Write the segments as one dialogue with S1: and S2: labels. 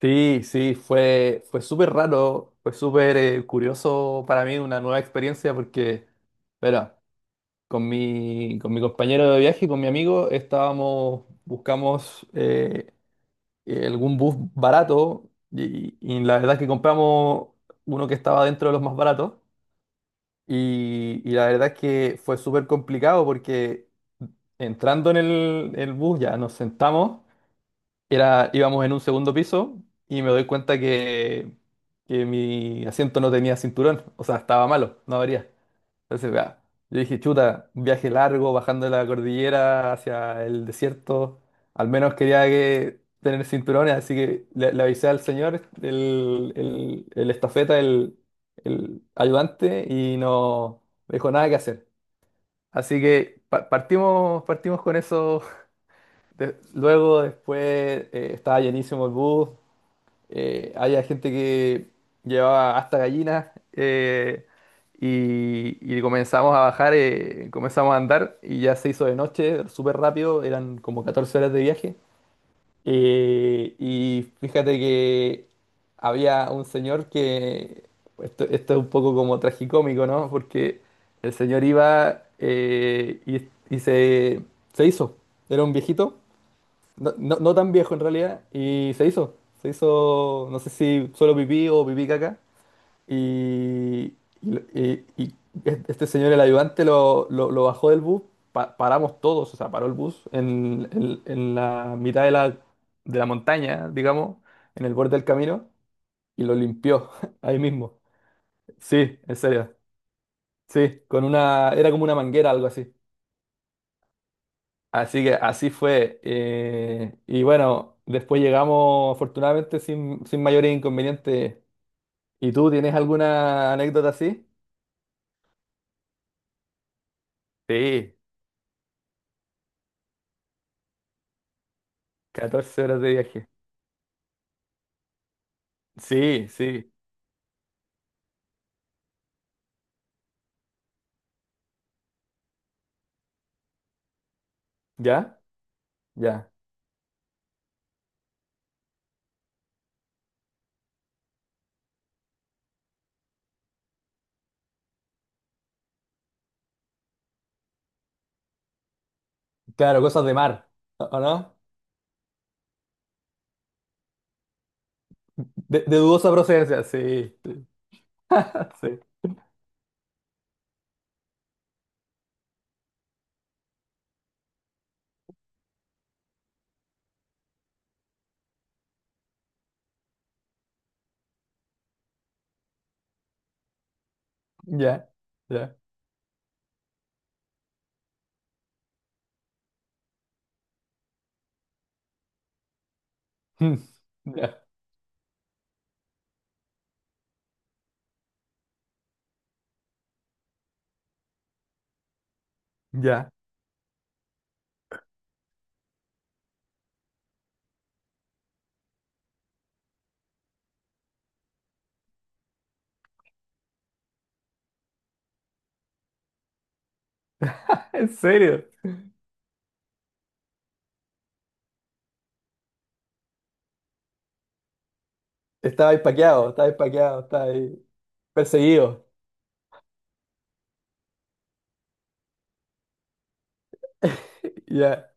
S1: Sí, sí, fue súper raro, fue súper curioso para mí, una nueva experiencia porque, bueno, con mi compañero de viaje, con mi amigo, estábamos, buscamos algún bus barato y la verdad es que compramos uno que estaba dentro de los más baratos y la verdad es que fue súper complicado porque entrando en el bus ya nos sentamos. Era, íbamos en un segundo piso y me doy cuenta que mi asiento no tenía cinturón, o sea, estaba malo, no abría. Entonces, vea, yo dije, chuta, un viaje largo, bajando la cordillera hacia el desierto, al menos quería que tener cinturones, así que le avisé al señor, el estafeta, el ayudante, y no me dijo nada que hacer. Así que partimos, partimos con eso luego, después, estaba llenísimo el bus. Había gente que llevaba hasta gallinas. eh, y, y comenzamos a bajar, comenzamos a andar. Y ya se hizo de noche, súper rápido. Eran como 14 horas de viaje. Y fíjate que había un señor que. Esto es un poco como tragicómico, ¿no? Porque el señor iba y, y se, se hizo. Era un viejito no, no, no tan viejo en realidad, y se hizo. Se hizo, no sé si solo pipí o pipí caca. Y, y- y- este señor, el ayudante, lo bajó del bus. Paramos todos, o sea, paró el bus en, en la mitad de la montaña, digamos, en el borde del camino, y lo limpió ahí mismo. Sí, en serio. Sí, con una, era como una manguera, algo así. Así que así fue. Y bueno, después llegamos afortunadamente sin, sin mayores inconvenientes. ¿Y tú tienes alguna anécdota así? Sí, 14 horas de viaje. Sí, sí. ¿Ya? Ya. Claro, cosas de mar, o no? De dudosa procedencia, sí. Sí, sí. Ya, ya. Mm, ya, ya. ¿En serio? Estaba paqueado, estaba paqueado, estaba ahí perseguido. Ya.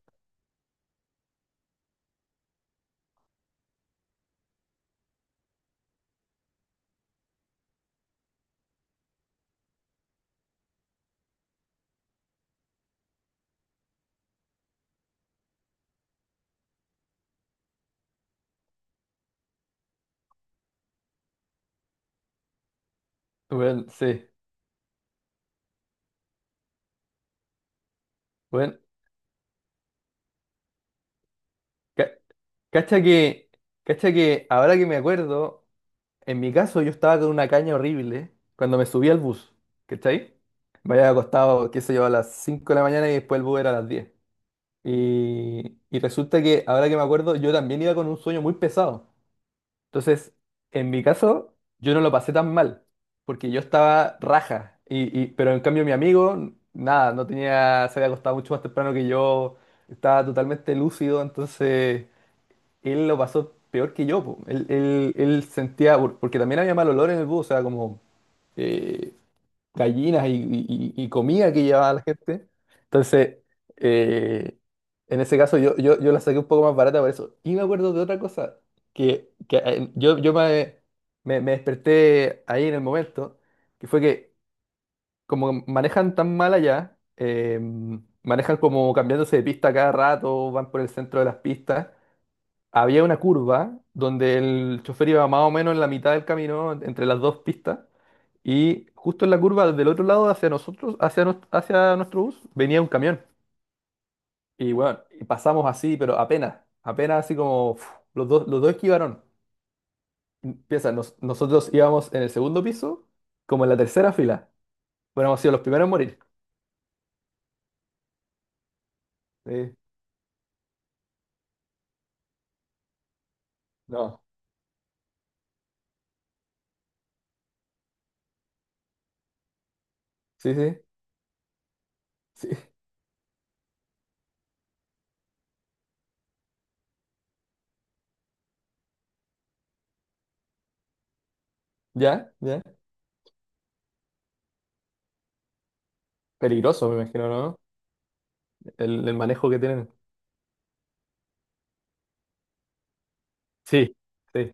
S1: Bueno, sí. Bueno. Cacha que, cacha que ahora que me acuerdo, en mi caso yo estaba con una caña horrible cuando me subí al bus, ¿cachai? Me había acostado, qué sé yo, a las 5 de la mañana y después el bus era a las 10. Y resulta que ahora que me acuerdo, yo también iba con un sueño muy pesado. Entonces, en mi caso, yo no lo pasé tan mal, porque yo estaba raja. Y, pero en cambio mi amigo, nada, no tenía, se había acostado mucho más temprano que yo, estaba totalmente lúcido, entonces él lo pasó peor que yo, po. Él, él sentía, porque también había mal olor en el bus, o sea, como eh, gallinas y, y comida que llevaba la gente. Entonces, eh, en ese caso yo la saqué un poco más barata por eso. Y me acuerdo de otra cosa, que yo me, me desperté ahí en el momento, que fue que como manejan tan mal allá, manejan como cambiándose de pista cada rato, van por el centro de las pistas. Había una curva donde el chofer iba más o menos en la mitad del camino, entre las dos pistas, y justo en la curva del otro lado hacia nosotros, hacia, hacia nuestro bus, venía un camión. Y bueno, y pasamos así, pero apenas, apenas así como uf, los dos esquivaron. Piensa, nosotros íbamos en el segundo piso, como en la tercera fila. Bueno, hemos sido los primeros en morir. Sí, no, sí, sí, sí. Ya, ya. Peligroso, me imagino, ¿no? El manejo que tienen. Sí, sí.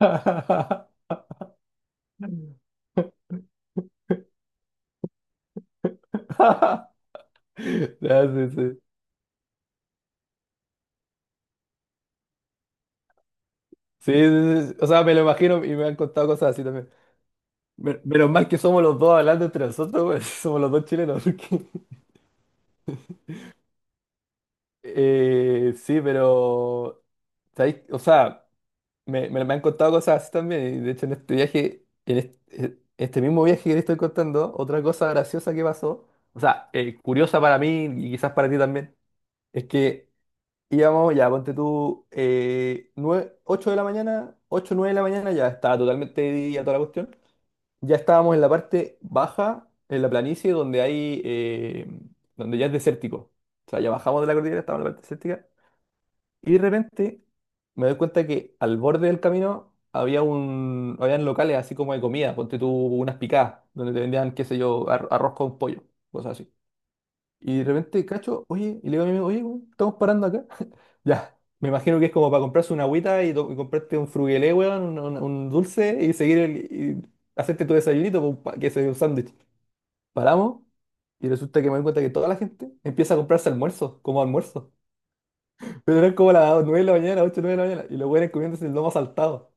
S1: Ya, sí, sí. Sí, sí, sí. Sí. O sea, me lo imagino y me han contado cosas así también. Me- Menos mal que somos los dos hablando entre nosotros, güey. Somos los dos chilenos. Porque... sí, pero... ¿Sabéis? O sea, me han contado cosas así también. Y de hecho, en este viaje, en este, este mismo viaje que te estoy contando, otra cosa graciosa que pasó, o sea, curiosa para mí y quizás para ti también, es que íbamos, ya, ponte tú, nueve- 8 de la mañana, 8 9 de la mañana, ya estaba totalmente de día toda la cuestión. Ya estábamos en la parte baja, en la planicie, donde hay, donde ya es desértico. O sea, ya bajamos de la cordillera, estábamos en la parte desértica. Y de repente me doy cuenta que al borde del camino había un, habían locales así como de comida, ponte tú unas picadas, donde te vendían, qué sé yo, arroz con pollo, cosas así. Y de repente cacho, oye, y le digo a mi amigo, oye, weón, estamos parando acá. Ya, me imagino que es como para comprarse una agüita y, y comprarte un frugelé, weón, un, un dulce y seguir el, y hacerte tu desayunito, con que sea un sándwich. Paramos y resulta que me doy cuenta que toda la gente empieza a comprarse almuerzos, como almuerzo. Pero eran como las 9 de la mañana, 8 9 de la mañana, y los güeyes comiéndose el lomo saltado.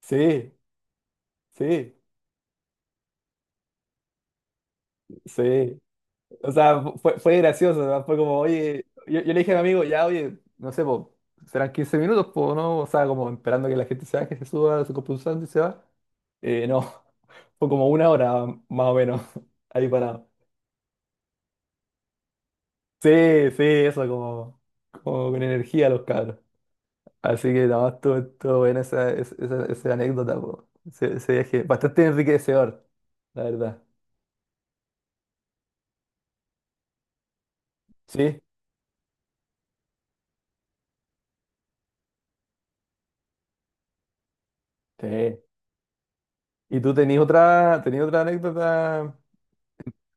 S1: Sí, sí, sí. O sea, fue, fue gracioso, ¿no? Fue como, oye, yo le dije a mi amigo, ya, oye, no sé, po, serán 15 minutos, po, ¿no? O sea, como esperando que la gente se baje, se suba, se compre un sándwich y se va. No, fue como una hora más o menos ahí parado. Sí, sí, eso, como, como con energía los cabros. Así que nada más estuvo, estuvo buena esa, esa anécdota, po. Ese viaje, bastante enriquecedor, la verdad. Sí, sí. ¿Y tú tenías otra anécdota?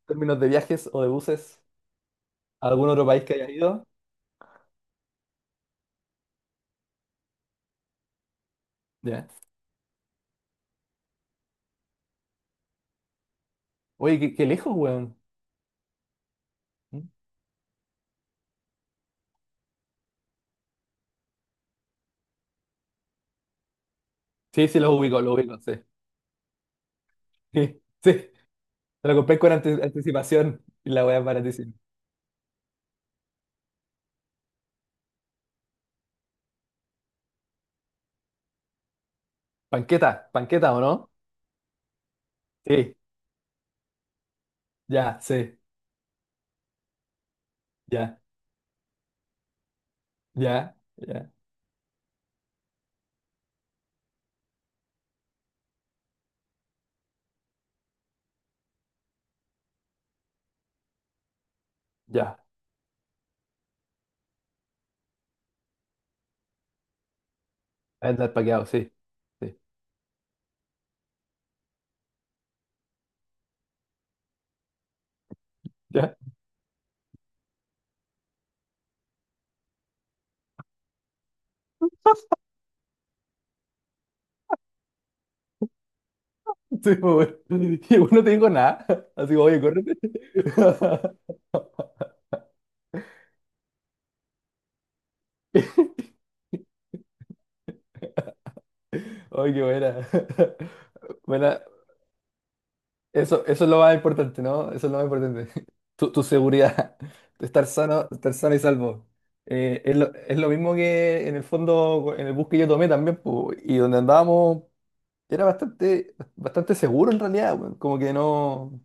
S1: Términos de viajes o de buses, ¿a algún otro país que hayas ido? Ya. Oye, qué, qué lejos, weón. ¿Mm? Sí, sí, los ubico, sí. Sí, sí. Te lo compré con anticipación y la weá es baratísima. Panqueta, panqueta, ¿o no? Sí, ya, sí, ya, ya, ya, ya. Andar paqueado, sí. Sí, ya. Sí, pues, weón. Y bueno, no te digo nada. Así que, oye, córrete. Oye, qué buena. Buena, eso es lo más importante, ¿no? Eso es lo más importante. Tu seguridad, estar sano y salvo. Es lo mismo que en el fondo, en el bus que yo tomé también, po, y donde andábamos era bastante, bastante seguro en realidad, weón. Como que no...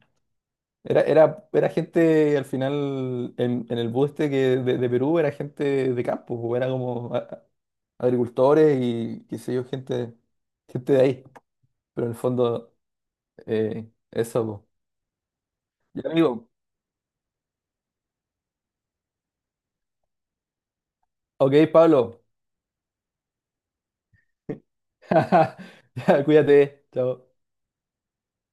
S1: Era, era, era gente, al final, en el bus este que de Perú era gente de campo, po, era como agricultores y qué sé yo, gente, gente de ahí, pero en el fondo, eso, po. Ya, amigo, ok, Pablo. Cuídate. Chao.